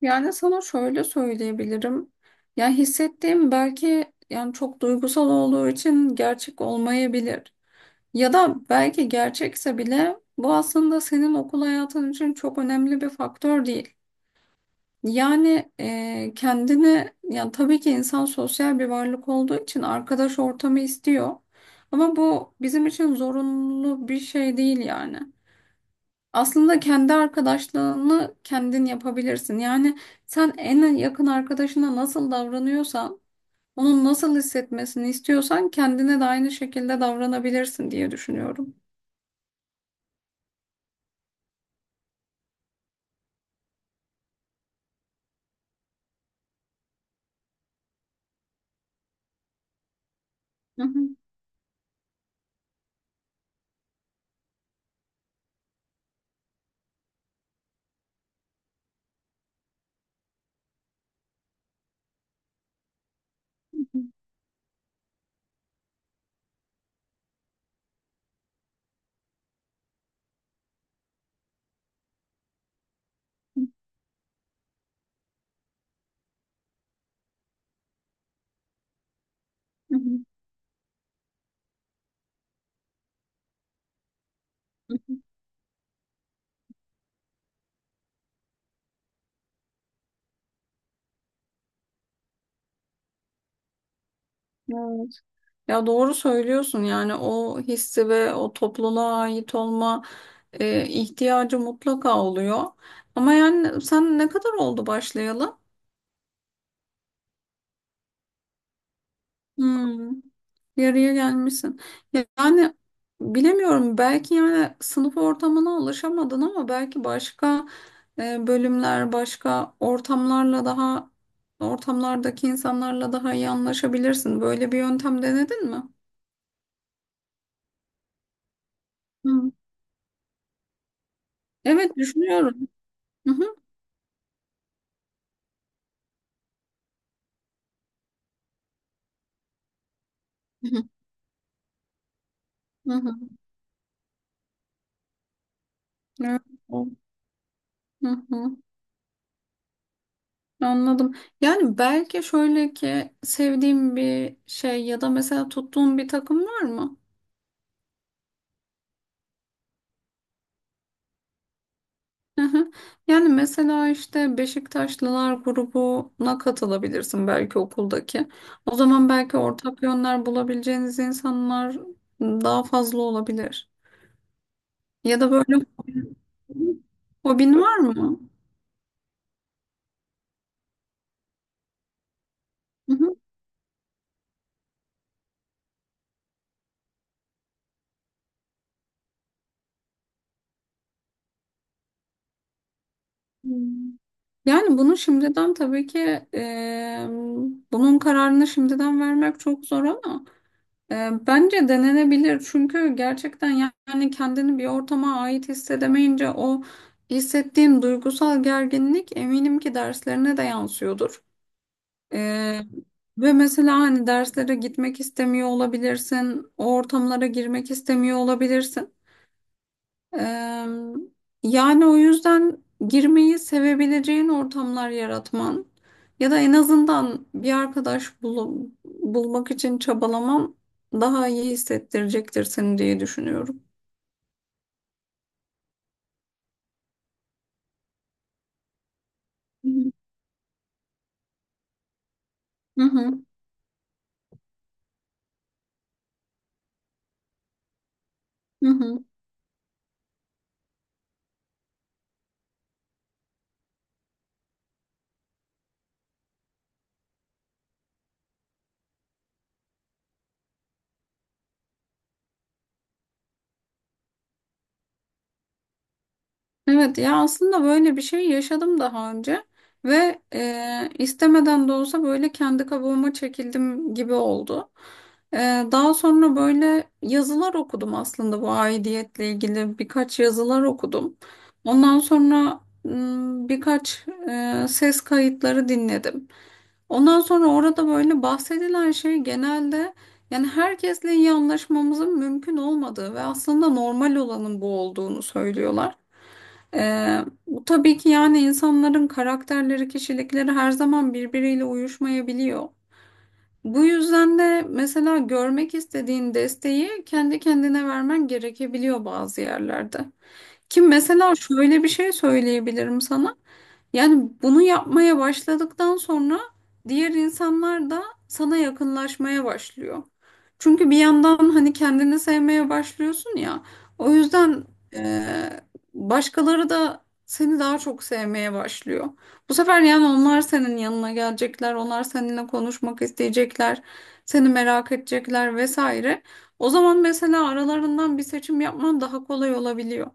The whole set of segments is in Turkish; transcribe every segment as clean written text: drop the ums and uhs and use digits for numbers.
Yani sana şöyle söyleyebilirim. Ya hissettiğim belki yani çok duygusal olduğu için gerçek olmayabilir. Ya da belki gerçekse bile bu aslında senin okul hayatın için çok önemli bir faktör değil. Yani kendini yani tabii ki insan sosyal bir varlık olduğu için arkadaş ortamı istiyor. Ama bu bizim için zorunlu bir şey değil yani. Aslında kendi arkadaşlığını kendin yapabilirsin. Yani sen en yakın arkadaşına nasıl davranıyorsan, onun nasıl hissetmesini istiyorsan kendine de aynı şekilde davranabilirsin diye düşünüyorum. Hı hı, hı hı, hı hı, hı hı. Evet. Ya doğru söylüyorsun, yani o hissi ve o topluluğa ait olma ihtiyacı mutlaka oluyor. Ama yani sen ne kadar oldu başlayalı? Hmm. Yarıya gelmişsin. Yani bilemiyorum, belki yani sınıf ortamına ulaşamadın ama belki başka bölümler, başka ortamlarla daha ortamlardaki insanlarla daha iyi anlaşabilirsin. Böyle bir yöntem denedin mi? Hı. Evet, düşünüyorum. Hı hı. Hı hı. Hı hı. Evet. O- Hı hı. Anladım. Yani belki şöyle ki, sevdiğin bir şey ya da mesela tuttuğun bir takım var mı? Hı hı. Yani mesela işte Beşiktaşlılar grubuna katılabilirsin belki okuldaki. O zaman belki ortak yönler bulabileceğiniz insanlar daha fazla olabilir. Ya da böyle, hobin var mı? Hı hı. Yani bunu şimdiden tabii ki bunun kararını şimdiden vermek çok zor, ama bence denenebilir çünkü gerçekten yani kendini bir ortama ait hissedemeyince o hissettiğin duygusal gerginlik eminim ki derslerine de yansıyordur. E, Ve mesela hani derslere gitmek istemiyor olabilirsin, o ortamlara girmek istemiyor olabilirsin. Eee, Yani o yüzden girmeyi sevebileceğin ortamlar yaratman ya da en azından bir arkadaş bulmak için çabalaman daha iyi hissettirecektir seni diye düşünüyorum. Hı hı, hı hı. Evet, ya aslında böyle bir şey yaşadım daha önce ve istemeden de olsa böyle kendi kabuğuma çekildim gibi oldu. E, Daha sonra böyle yazılar okudum, aslında bu aidiyetle ilgili birkaç yazılar okudum. Ondan sonra birkaç ses kayıtları dinledim. Ondan sonra orada böyle bahsedilen şey genelde, yani herkesle iyi anlaşmamızın mümkün olmadığı ve aslında normal olanın bu olduğunu söylüyorlar. Bu tabii ki yani insanların karakterleri, kişilikleri her zaman birbiriyle uyuşmayabiliyor. Bu yüzden de mesela görmek istediğin desteği kendi kendine vermen gerekebiliyor bazı yerlerde. Ki mesela şöyle bir şey söyleyebilirim sana. Yani bunu yapmaya başladıktan sonra diğer insanlar da sana yakınlaşmaya başlıyor. Çünkü bir yandan hani kendini sevmeye başlıyorsun ya. O yüzden eee, başkaları da seni daha çok sevmeye başlıyor. Bu sefer yani onlar senin yanına gelecekler, onlar seninle konuşmak isteyecekler, seni merak edecekler vesaire. O zaman mesela aralarından bir seçim yapman daha kolay olabiliyor.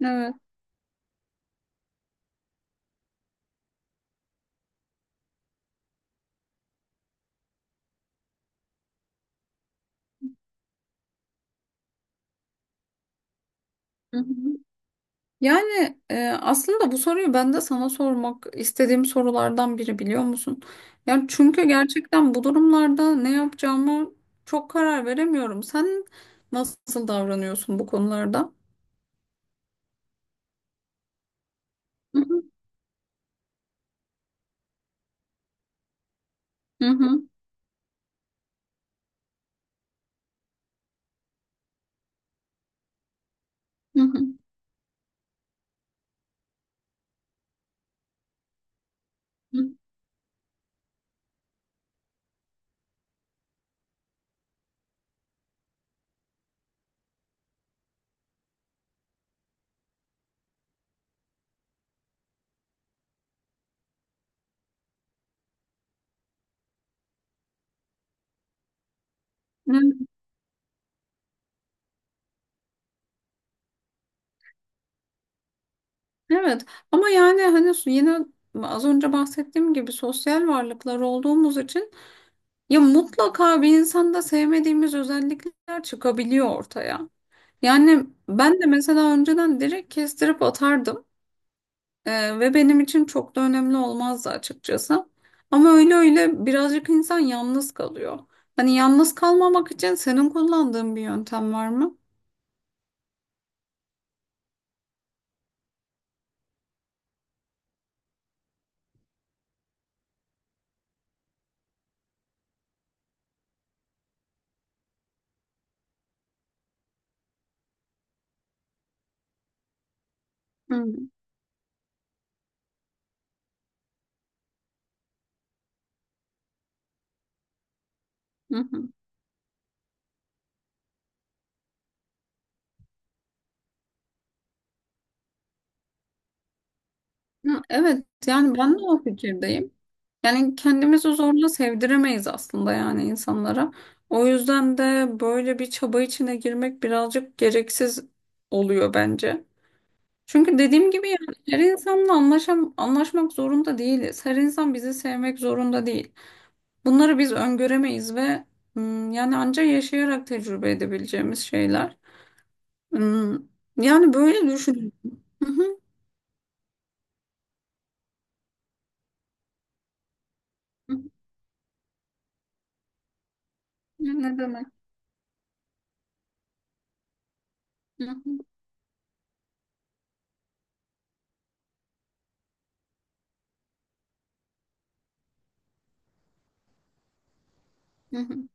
Evet. Hı hı. Yani aslında bu soruyu ben de sana sormak istediğim sorulardan biri, biliyor musun? Yani çünkü gerçekten bu durumlarda ne yapacağımı çok karar veremiyorum. Sen nasıl davranıyorsun bu konularda? Hı hı. Hı hı. Hı hı. Hı. Evet. Evet. Ama yani hani yine az önce bahsettiğim gibi sosyal varlıklar olduğumuz için ya mutlaka bir insanda sevmediğimiz özellikler çıkabiliyor ortaya. Yani ben de mesela önceden direkt kestirip atardım. Ve benim için çok da önemli olmazdı açıkçası. Ama öyle öyle birazcık insan yalnız kalıyor. Hani yalnız kalmamak için senin kullandığın bir yöntem var mı? Hı hı. Hı. Hı, evet, yani ben de o fikirdeyim. Yani kendimizi zorla sevdiremeyiz aslında, yani insanlara. O yüzden de böyle bir çaba içine girmek birazcık gereksiz oluyor bence. Çünkü dediğim gibi yani her insanla anlaşmak zorunda değiliz. Her insan bizi sevmek zorunda değil. Bunları biz öngöremeyiz ve yani ancak yaşayarak tecrübe edebileceğimiz şeyler. Hmm, Yani böyle düşünüyorum. Hı hı. Ne demek? Hı hı, hı hı.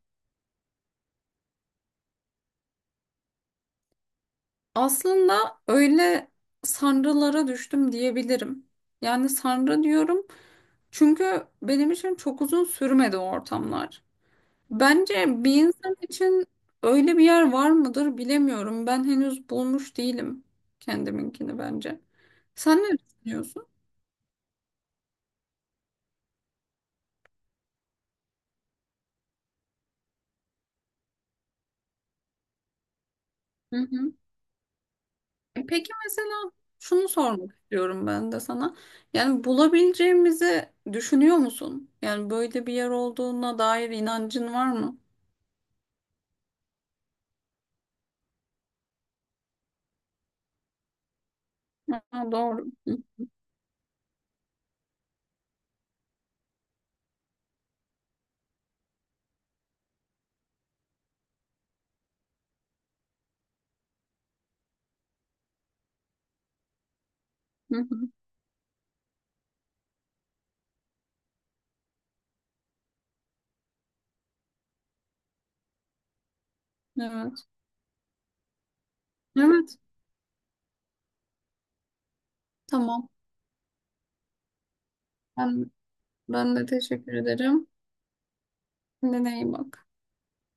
Aslında öyle sanrılara düştüm diyebilirim. Yani sanrı diyorum çünkü benim için çok uzun sürmedi o ortamlar. Bence bir insan için öyle bir yer var mıdır bilemiyorum. Ben henüz bulmuş değilim kendiminkini, bence. Sen ne düşünüyorsun? Hı hı. E, peki mesela şunu sormak istiyorum ben de sana. Yani bulabileceğimizi düşünüyor musun? Yani böyle bir yer olduğuna dair inancın var mı? Ha, doğru. Hı hı. Evet. Evet, tamam. Ben, ben de teşekkür ederim. Kendine iyi bak.